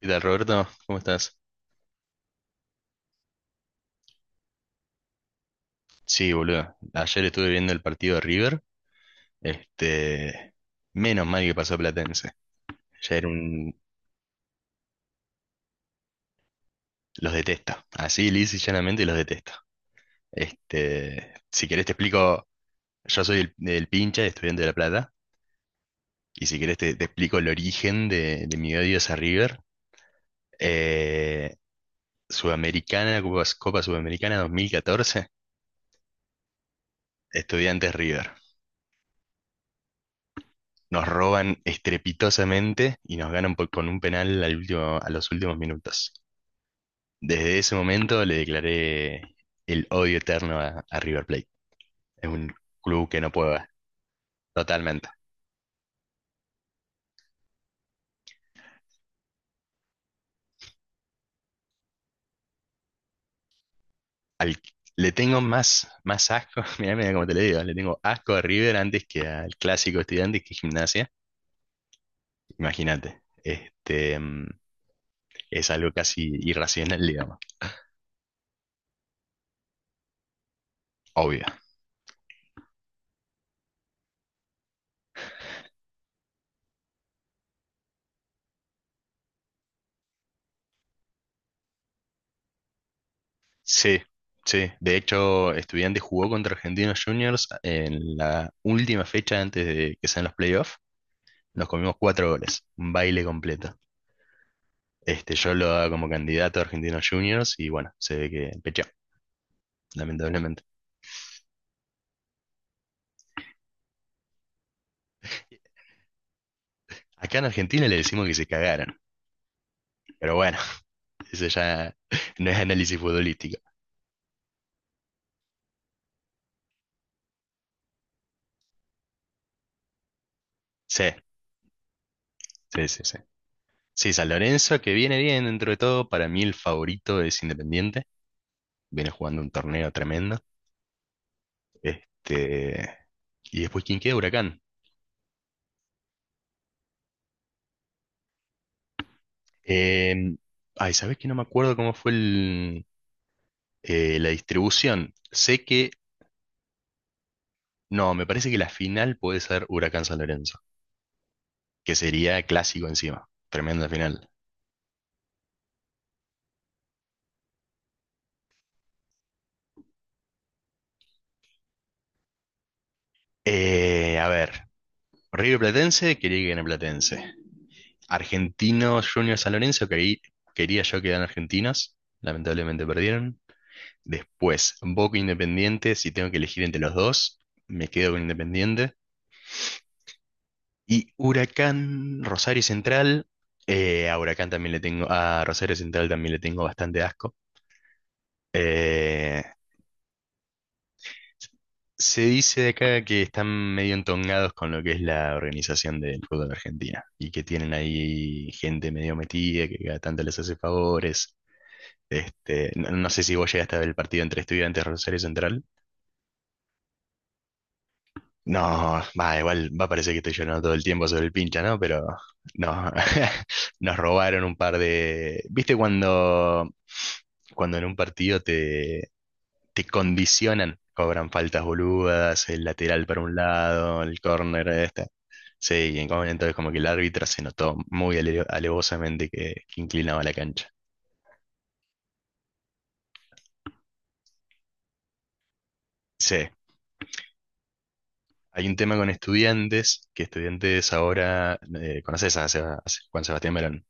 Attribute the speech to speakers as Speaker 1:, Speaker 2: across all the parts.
Speaker 1: ¿Qué tal, Roberto? ¿Cómo estás? Sí, boludo. Ayer estuve viendo el partido de River. Este, Menos mal que pasó Platense. Ya era un... Los detesto. Así, lisa y llanamente los detesto. Si querés te explico, yo soy el pincha, estudiante de La Plata. Y si querés te explico el origen de mi odio hacia River. Eh, Sudamericana, Copa Sudamericana 2014, Estudiantes River. Nos roban estrepitosamente y nos ganan con un penal al último, a los últimos minutos. Desde ese momento le declaré el odio eterno a River Plate. Es un club que no puedo ver, totalmente. Al- le tengo más asco, mirá cómo te lo digo, le tengo asco a River antes que al clásico estudiante que Gimnasia. Imagínate, es algo casi irracional, digamos, obvio. Sí, sí. De hecho, Estudiantes jugó contra Argentinos Juniors en la última fecha antes de que sean los playoffs. Nos comimos cuatro goles, un baile completo. Yo lo daba como candidato a Argentinos Juniors y bueno, se ve que pecheó, lamentablemente. Acá en Argentina le decimos que se cagaron, pero bueno, eso ya no es análisis futbolístico. Sí, sí, sí, sí. Sí, San Lorenzo, que viene bien dentro de todo, para mí el favorito es Independiente, viene jugando un torneo tremendo. Este, Y después, ¿quién queda? Huracán. Eh, ay, ¿sabés que no me acuerdo cómo fue la distribución? Sé que, no, me parece que la final puede ser Huracán San Lorenzo, que sería clásico encima. Tremenda final. A ver, River Platense, quería que gane Platense. Argentino Junior San Lorenzo, que ahí quería yo que eran argentinas. Lamentablemente perdieron. Después, Boca Independiente, si tengo que elegir entre los dos, me quedo con Independiente. Y Huracán, Rosario Central, a Huracán también le tengo, a Rosario Central también le tengo bastante asco. Eh, se dice de acá que están medio entongados con lo que es la organización del fútbol argentino y que tienen ahí gente medio metida que cada tanto les hace favores. No, no sé si vos llegaste a ver el partido entre Estudiantes y Rosario Central. No, va, igual va a parecer que estoy llorando todo el tiempo sobre el pincha, ¿no? Pero no, nos robaron un par de... ¿Viste cuando en un partido te condicionan? Cobran faltas boludas, el lateral para un lado, el córner, esta. Sí, y entonces como que el árbitro se notó muy alevosamente que inclinaba la cancha. Sí, hay un tema con estudiantes, que estudiantes ahora, ¿conoces a a Juan Sebastián Verón?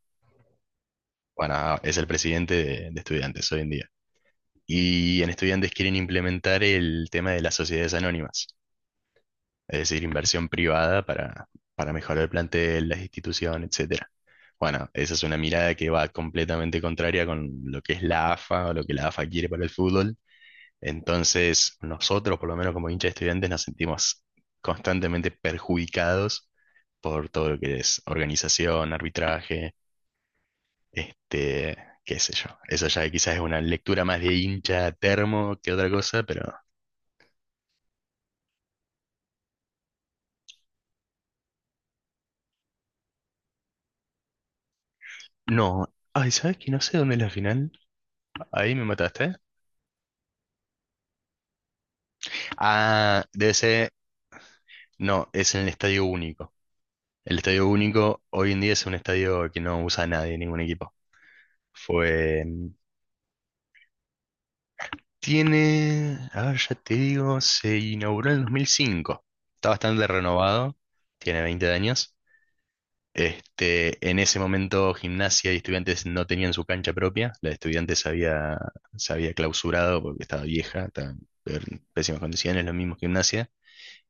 Speaker 1: Bueno, es el presidente de estudiantes hoy en día. Y en estudiantes quieren implementar el tema de las sociedades anónimas, es decir, inversión privada para mejorar el plantel, la institución, etcétera. Bueno, esa es una mirada que va completamente contraria con lo que es la AFA o lo que la AFA quiere para el fútbol. Entonces, nosotros, por lo menos como hinchas de estudiantes, nos sentimos constantemente perjudicados por todo lo que es organización, arbitraje, este, qué sé yo. Eso ya quizás es una lectura más de hincha termo que otra cosa, pero no. Ay, ¿sabes que no sé dónde es la final? Ahí me mataste. Ah, debe ser. No, es en el Estadio Único. El Estadio Único hoy en día es un estadio que no usa nadie, ningún equipo. Fue. Tiene. A ver, ya te digo, se inauguró en el 2005. Está bastante renovado, tiene 20 años. En ese momento Gimnasia y Estudiantes no tenían su cancha propia, la de Estudiantes se había clausurado porque estaba vieja, estaba en pésimas condiciones, lo mismo Gimnasia,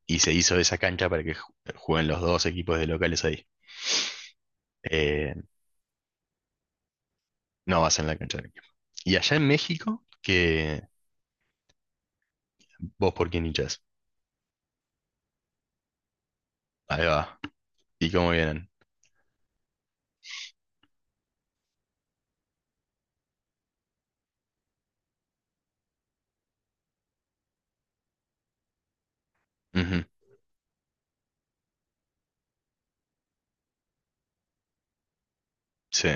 Speaker 1: y se hizo esa cancha para que jueguen los dos equipos de locales ahí. Eh, no vas en la cancha del equipo. Y allá en México, que vos por quién hinchás. Ahí va. ¿Y cómo vienen? Ujú, sí.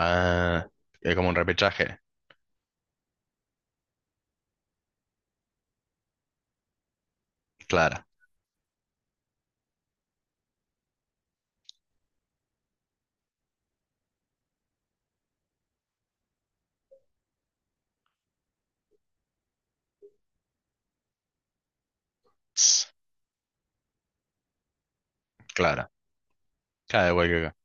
Speaker 1: Ah, es como un repechaje. Clara. Tss, Clara. Claro, igual que acá.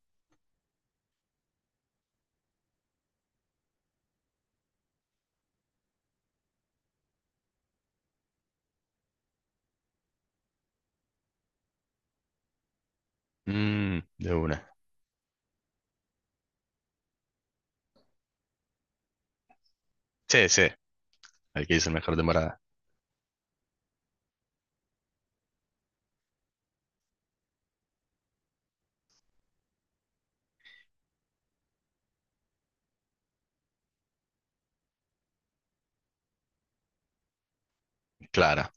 Speaker 1: De una. Sí, sí. Al que hizo la mejor temporada. Claro.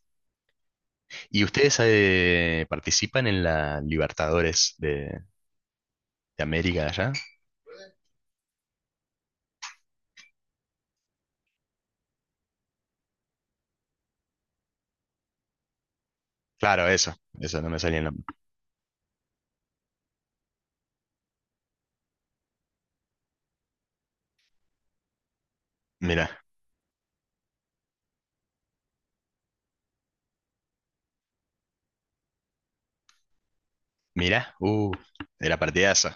Speaker 1: ¿Y ustedes participan en la Libertadores de América allá? Claro, eso. Eso no me salía en la... Mirá, mirá. Era partidazo.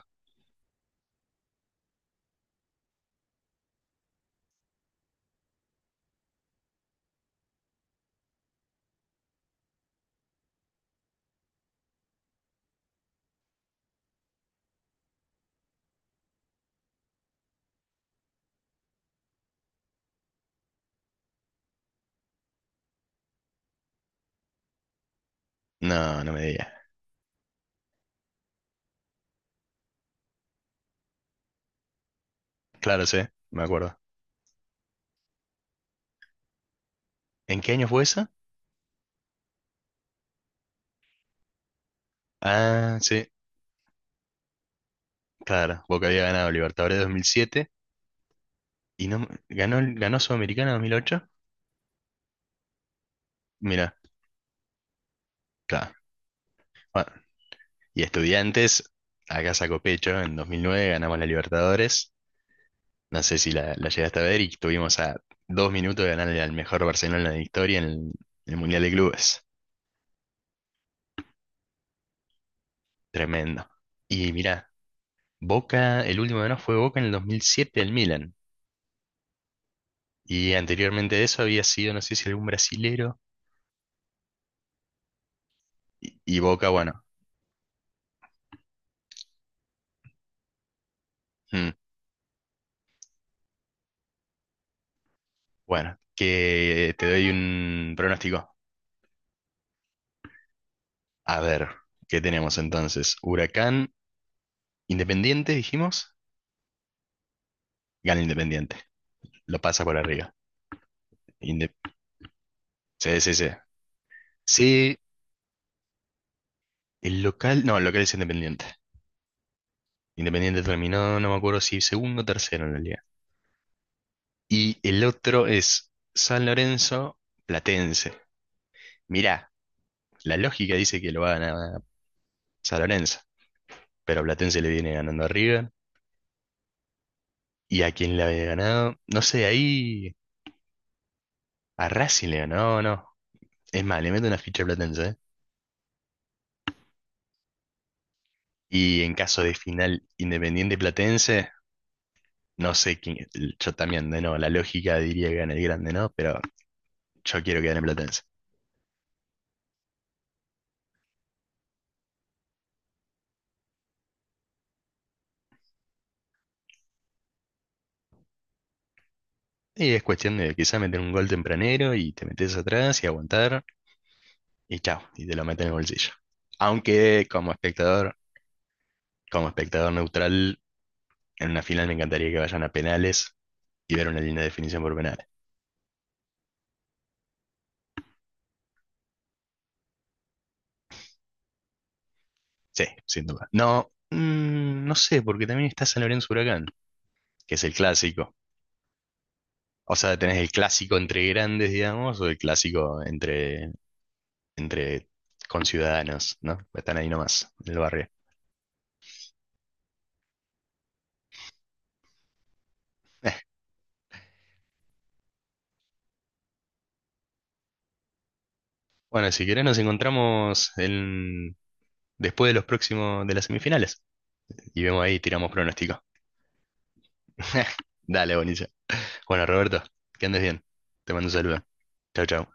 Speaker 1: No, no me digas. Claro, sí, me acuerdo. ¿En qué año fue eso? Ah, sí, claro. Boca había ganado Libertadores 2007 y no ganó, ganó Sudamericana 2008. Mirá, claro. Bueno, y Estudiantes, acá sacó pecho, en 2009 ganamos la Libertadores. No sé si la llegaste a ver y estuvimos a 2 minutos de ganarle al mejor Barcelona de la historia en el Mundial de Clubes. Tremendo. Y mirá, Boca, el último ganó fue Boca en el 2007 el Milan. Y anteriormente de eso había sido, no sé si algún brasilero. Y Boca, bueno. mm, bueno, que te doy un pronóstico. A ver, ¿qué tenemos entonces? Huracán, Independiente, dijimos. Gana Independiente. Lo pasa por arriba. Inde- sí, sí, sí. Sí, el local, no, el local es Independiente. Independiente terminó, no me acuerdo si segundo o tercero en la liga. Y el otro es San Lorenzo Platense. Mirá, la lógica dice que lo va a ganar San Lorenzo, pero Platense le viene ganando a River. ¿Y a quién le había ganado? No sé, ahí a Racing le ganó, no, no. Es más, le meto una ficha a Platense, ¿eh? Y en caso de final Independiente Platense, no sé quién, yo también, de no, la lógica diría que gana el grande, ¿no? Pero yo quiero que gane Platense. Y es cuestión de quizá meter un gol tempranero y te metes atrás y aguantar y chao, y te lo meten en el bolsillo. Aunque como espectador neutral, en una final me encantaría que vayan a penales y ver una linda definición por penales. Sí, sin duda. No, no sé, porque también está San Lorenzo Huracán, que es el clásico. O sea, tenés el clásico entre grandes, digamos, o el clásico entre conciudadanos, ¿no? Están ahí nomás, en el barrio. Bueno, si querés nos encontramos en después de los próximos de las semifinales. Y vemos ahí, tiramos pronóstico. Dale, buenísimo. Bueno, Roberto, que andes bien. Te mando un saludo. Chau, chau.